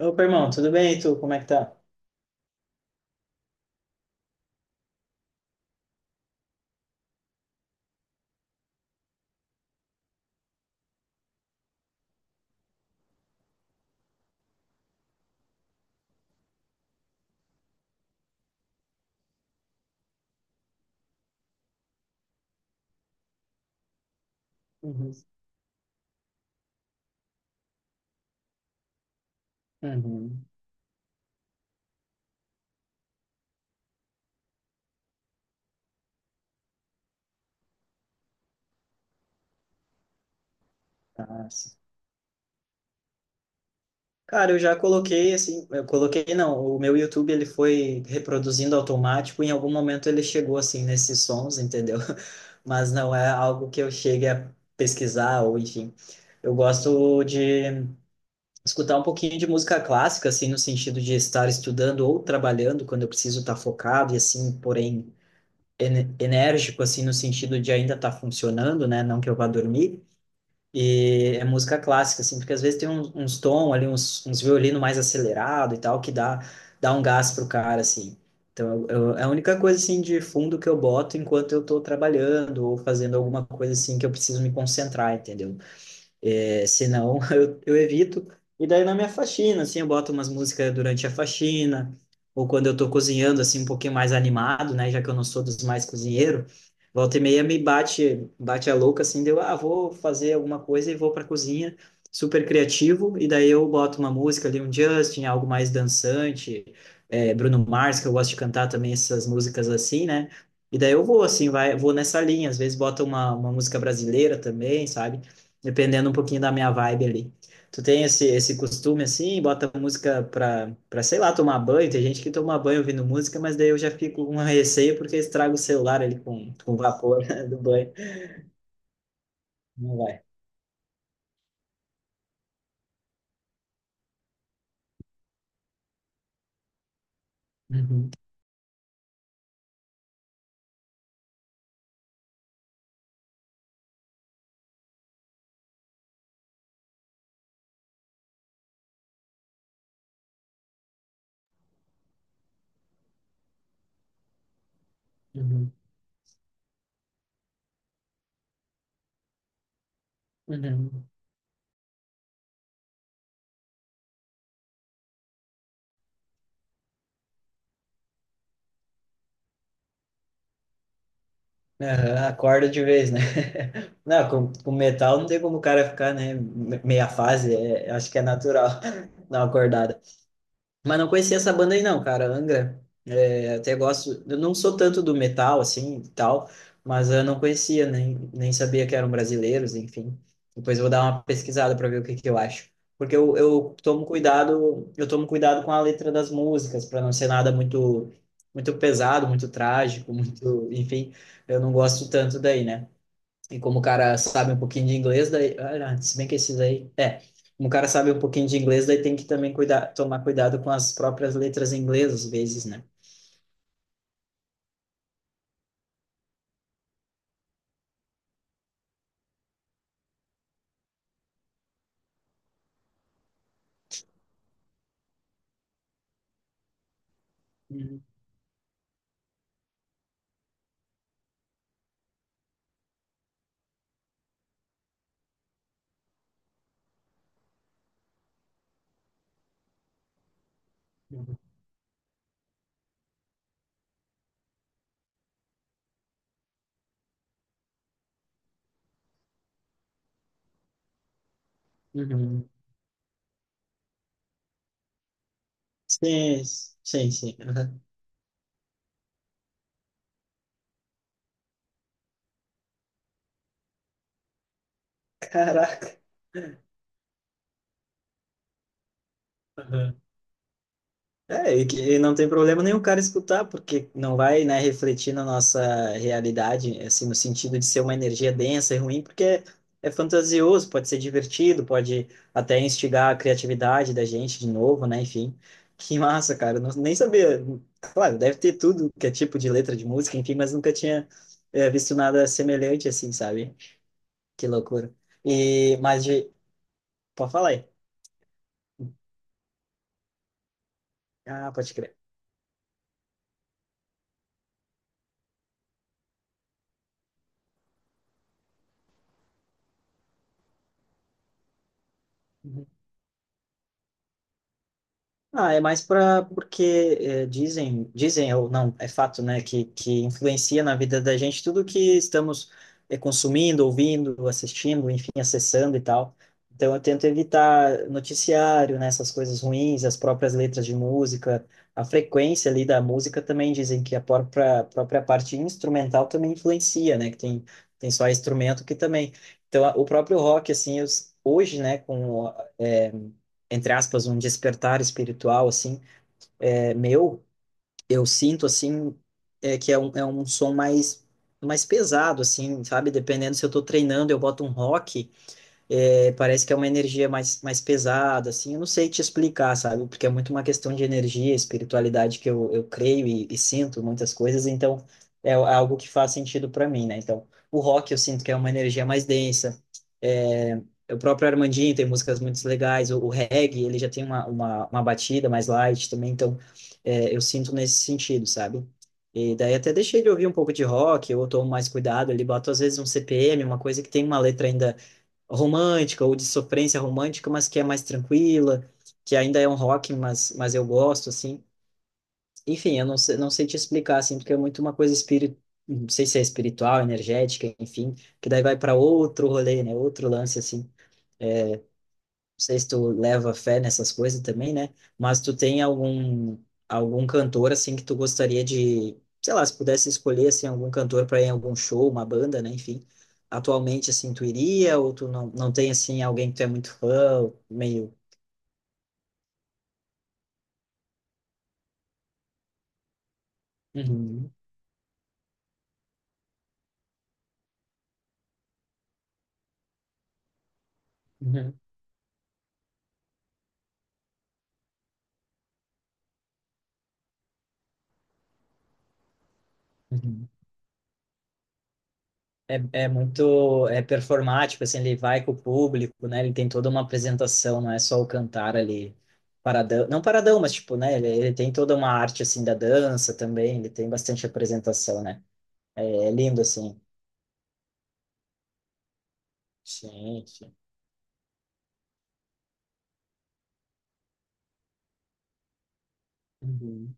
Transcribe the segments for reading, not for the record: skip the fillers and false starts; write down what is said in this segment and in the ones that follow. Opa, irmão, tudo bem? E tu, como é que tá? Uhum. Uhum. Ah, sim. Cara, eu já coloquei, assim, eu coloquei, não, o meu YouTube, ele foi reproduzindo automático, em algum momento ele chegou, assim, nesses sons, entendeu? Mas não é algo que eu chegue a pesquisar, ou enfim. Eu gosto de escutar um pouquinho de música clássica, assim, no sentido de estar estudando ou trabalhando, quando eu preciso estar focado, e assim, porém, enérgico, assim, no sentido de ainda estar funcionando, né? Não que eu vá dormir. E é música clássica, assim, porque às vezes tem uns, uns tom ali, uns, uns violino mais acelerado e tal, que dá, dá um gás pro cara, assim. Então, eu, é a única coisa, assim, de fundo que eu boto enquanto eu tô trabalhando ou fazendo alguma coisa, assim, que eu preciso me concentrar, entendeu? É, senão eu evito. E daí na minha faxina, assim, eu boto umas músicas durante a faxina, ou quando eu tô cozinhando, assim, um pouquinho mais animado, né? Já que eu não sou dos mais cozinheiro, volta e meia me bate, bate a louca, assim, deu, ah, vou fazer alguma coisa e vou pra cozinha, super criativo, e daí eu boto uma música ali, um Justin, algo mais dançante, Bruno Mars, que eu gosto de cantar também essas músicas assim, né? E daí eu vou, assim, vou nessa linha, às vezes bota uma música brasileira também, sabe? Dependendo um pouquinho da minha vibe ali. Tu tem esse, esse costume assim, bota música pra, pra, sei lá, tomar banho. Tem gente que toma banho ouvindo música, mas daí eu já fico com uma receio porque estraga o celular ali com o vapor do banho. Não vai. Uhum, uhum, uhum. Aham, acorda de vez, né? Não, com metal não tem como o cara ficar, né? Meia fase, acho que é natural dar uma acordada. Mas não conhecia essa banda aí não, cara, Angra. É, até gosto, eu não sou tanto do metal assim e tal, mas eu não conhecia, nem, nem sabia que eram brasileiros, enfim. Depois eu vou dar uma pesquisada para ver o que que eu acho. Porque eu tomo cuidado, eu tomo cuidado com a letra das músicas, para não ser nada muito muito pesado, muito trágico, muito, enfim, eu não gosto tanto daí, né? E como o cara sabe um pouquinho de inglês, daí, olha, se bem que esses aí, como o cara sabe um pouquinho de inglês, daí tem que também cuidar, tomar cuidado com as próprias letras em inglês, às vezes, né? Uhum. Uhum. Sim, sim, sim. Uhum. Caraca. Uhum. É, e que e não tem problema nenhum o cara escutar, porque não vai, né, refletir na nossa realidade, assim, no sentido de ser uma energia densa e ruim, porque é, é fantasioso, pode ser divertido, pode até instigar a criatividade da gente de novo, né, enfim. Que massa, cara, eu não, nem sabia. Claro, deve ter tudo que é tipo de letra de música, enfim, mas nunca tinha visto nada semelhante assim, sabe? Que loucura. E, mas de... Pode falar aí. Ah, pode crer. Ah, é mais para porque dizem, dizem ou não, é fato, né, que influencia na vida da gente tudo que estamos consumindo, ouvindo, assistindo, enfim, acessando e tal. Então eu tento evitar noticiário, né, essas coisas ruins, as próprias letras de música, a frequência ali da música também dizem que a própria, própria parte instrumental também influencia, né, que tem, tem só instrumento que também. Então o próprio rock, assim, eu hoje, né, com... entre aspas, um despertar espiritual, assim, é, meu, eu sinto, assim, é, que é um som mais, mais pesado, assim, sabe? Dependendo se eu tô treinando, eu boto um rock, é, parece que é uma energia mais, mais pesada, assim, eu não sei te explicar, sabe? Porque é muito uma questão de energia, espiritualidade que eu creio e sinto muitas coisas, então é é algo que faz sentido para mim, né? Então, o rock eu sinto que é uma energia mais densa, é, o próprio Armandinho tem músicas muito legais, o reggae, ele já tem uma batida mais light também, então é, eu sinto nesse sentido, sabe? E daí até deixei de ouvir um pouco de rock, eu tomo mais cuidado ali, boto às vezes um CPM, uma coisa que tem uma letra ainda romântica ou de sofrência romântica, mas que é mais tranquila, que ainda é um rock, mas eu gosto, assim. Enfim, eu não sei, não sei te explicar, assim, porque é muito uma coisa espírita, não sei se é espiritual, energética, enfim, que daí vai para outro rolê, né? Outro lance, assim sei se tu leva fé nessas coisas também, né? Mas tu tem algum algum cantor assim que tu gostaria de, sei lá, se pudesse escolher assim algum cantor para ir em algum show, uma banda, né? Enfim, atualmente assim tu iria ou tu não, não tem assim alguém que tu é muito fã, meio. Uhum, uhum, uhum. É, é muito é performático, assim, ele vai com o público, né? Ele tem toda uma apresentação, não é só o cantar ali paradão, não paradão, mas tipo, né? Ele tem toda uma arte assim da dança também, ele tem bastante apresentação, né? É, é lindo assim. Sim, sim. Uhum.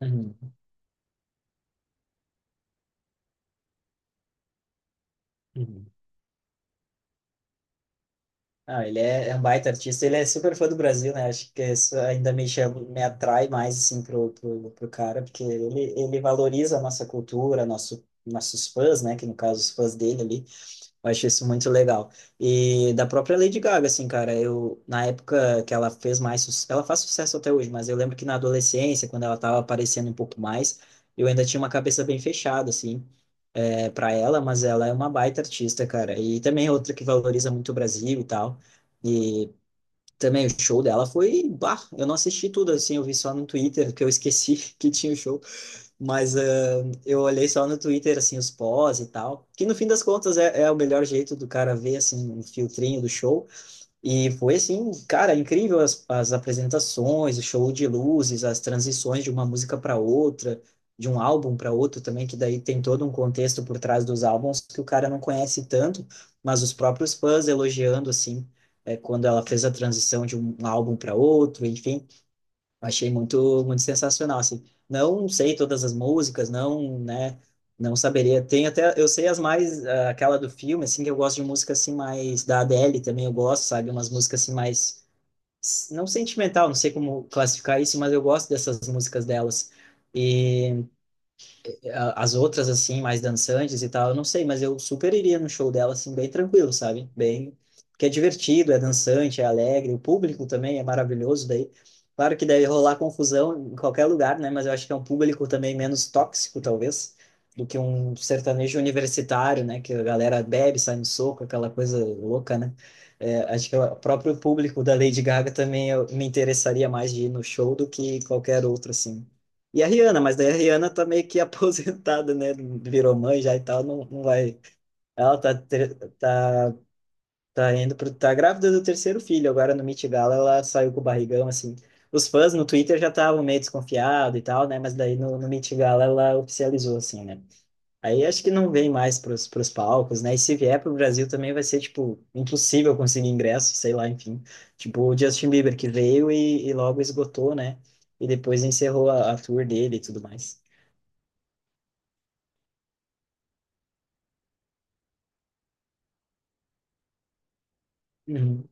Uhum. Uhum. Ah, ele é, é um baita artista, ele é super fã do Brasil, né? Acho que isso ainda me chama, me atrai mais assim pro, pro, pro cara, porque ele valoriza a nossa cultura, nosso, nossos fãs, né? Que no caso os fãs dele ali. Eu achei isso muito legal. E da própria Lady Gaga, assim, cara, eu, na época que ela fez mais, ela faz sucesso até hoje, mas eu lembro que na adolescência, quando ela tava aparecendo um pouco mais, eu ainda tinha uma cabeça bem fechada, assim, é, para ela, mas ela é uma baita artista, cara. E também é outra que valoriza muito o Brasil e tal. E também o show dela foi, bah, eu não assisti tudo, assim, eu vi só no Twitter, que eu esqueci que tinha o show, mas ah, eu olhei só no Twitter, assim, os pós e tal, que no fim das contas é o melhor jeito do cara ver, assim, um filtrinho do show. E foi, assim, cara, incrível as, as apresentações, o show de luzes, as transições de uma música para outra, de um álbum para outro também, que daí tem todo um contexto por trás dos álbuns que o cara não conhece tanto, mas os próprios fãs elogiando, assim, é, quando ela fez a transição de um álbum para outro, enfim. Achei muito, muito sensacional, assim. Não sei todas as músicas, não, né, não saberia. Tem até, eu sei as mais, ah, aquela do filme, assim, que eu gosto de música, assim, mais da Adele também, eu gosto, sabe? Umas músicas, assim, mais, não sentimental, não sei como classificar isso, mas eu gosto dessas músicas delas. E as outras, assim, mais dançantes e tal, eu não sei, mas eu super iria no show dela, assim, bem tranquilo, sabe? Bem, porque é divertido, é dançante, é alegre, o público também é maravilhoso daí. Claro que deve rolar confusão em qualquer lugar, né? Mas eu acho que é um público também menos tóxico, talvez, do que um sertanejo universitário, né? Que a galera bebe, sai no soco, aquela coisa louca, né? É, acho que o próprio público da Lady Gaga também eu me interessaria mais de ir no show do que qualquer outro, assim. E a Rihanna, mas daí a Rihanna tá meio que aposentada, né? Virou mãe já e tal, não, não vai. Ela tá, tá indo pro, tá grávida do terceiro filho, agora no Met Gala ela saiu com o barrigão, assim. Os fãs no Twitter já estavam meio desconfiados e tal, né? Mas daí no, no Met Gala ela oficializou, assim, né? Aí acho que não vem mais pros, pros palcos, né? E se vier pro Brasil também vai ser, tipo, impossível conseguir ingresso, sei lá, enfim. Tipo, o Justin Bieber que veio e logo esgotou, né? E depois encerrou a tour dele e tudo mais. Uhum,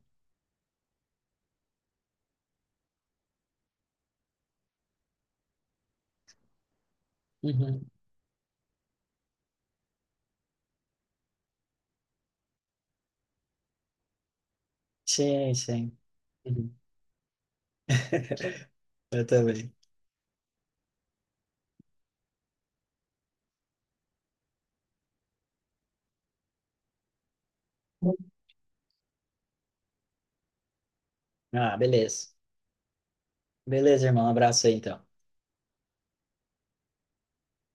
uhum. Sim, sim. Uhum. Eu também. Ah, beleza. Beleza, irmão. Um abraço aí, então.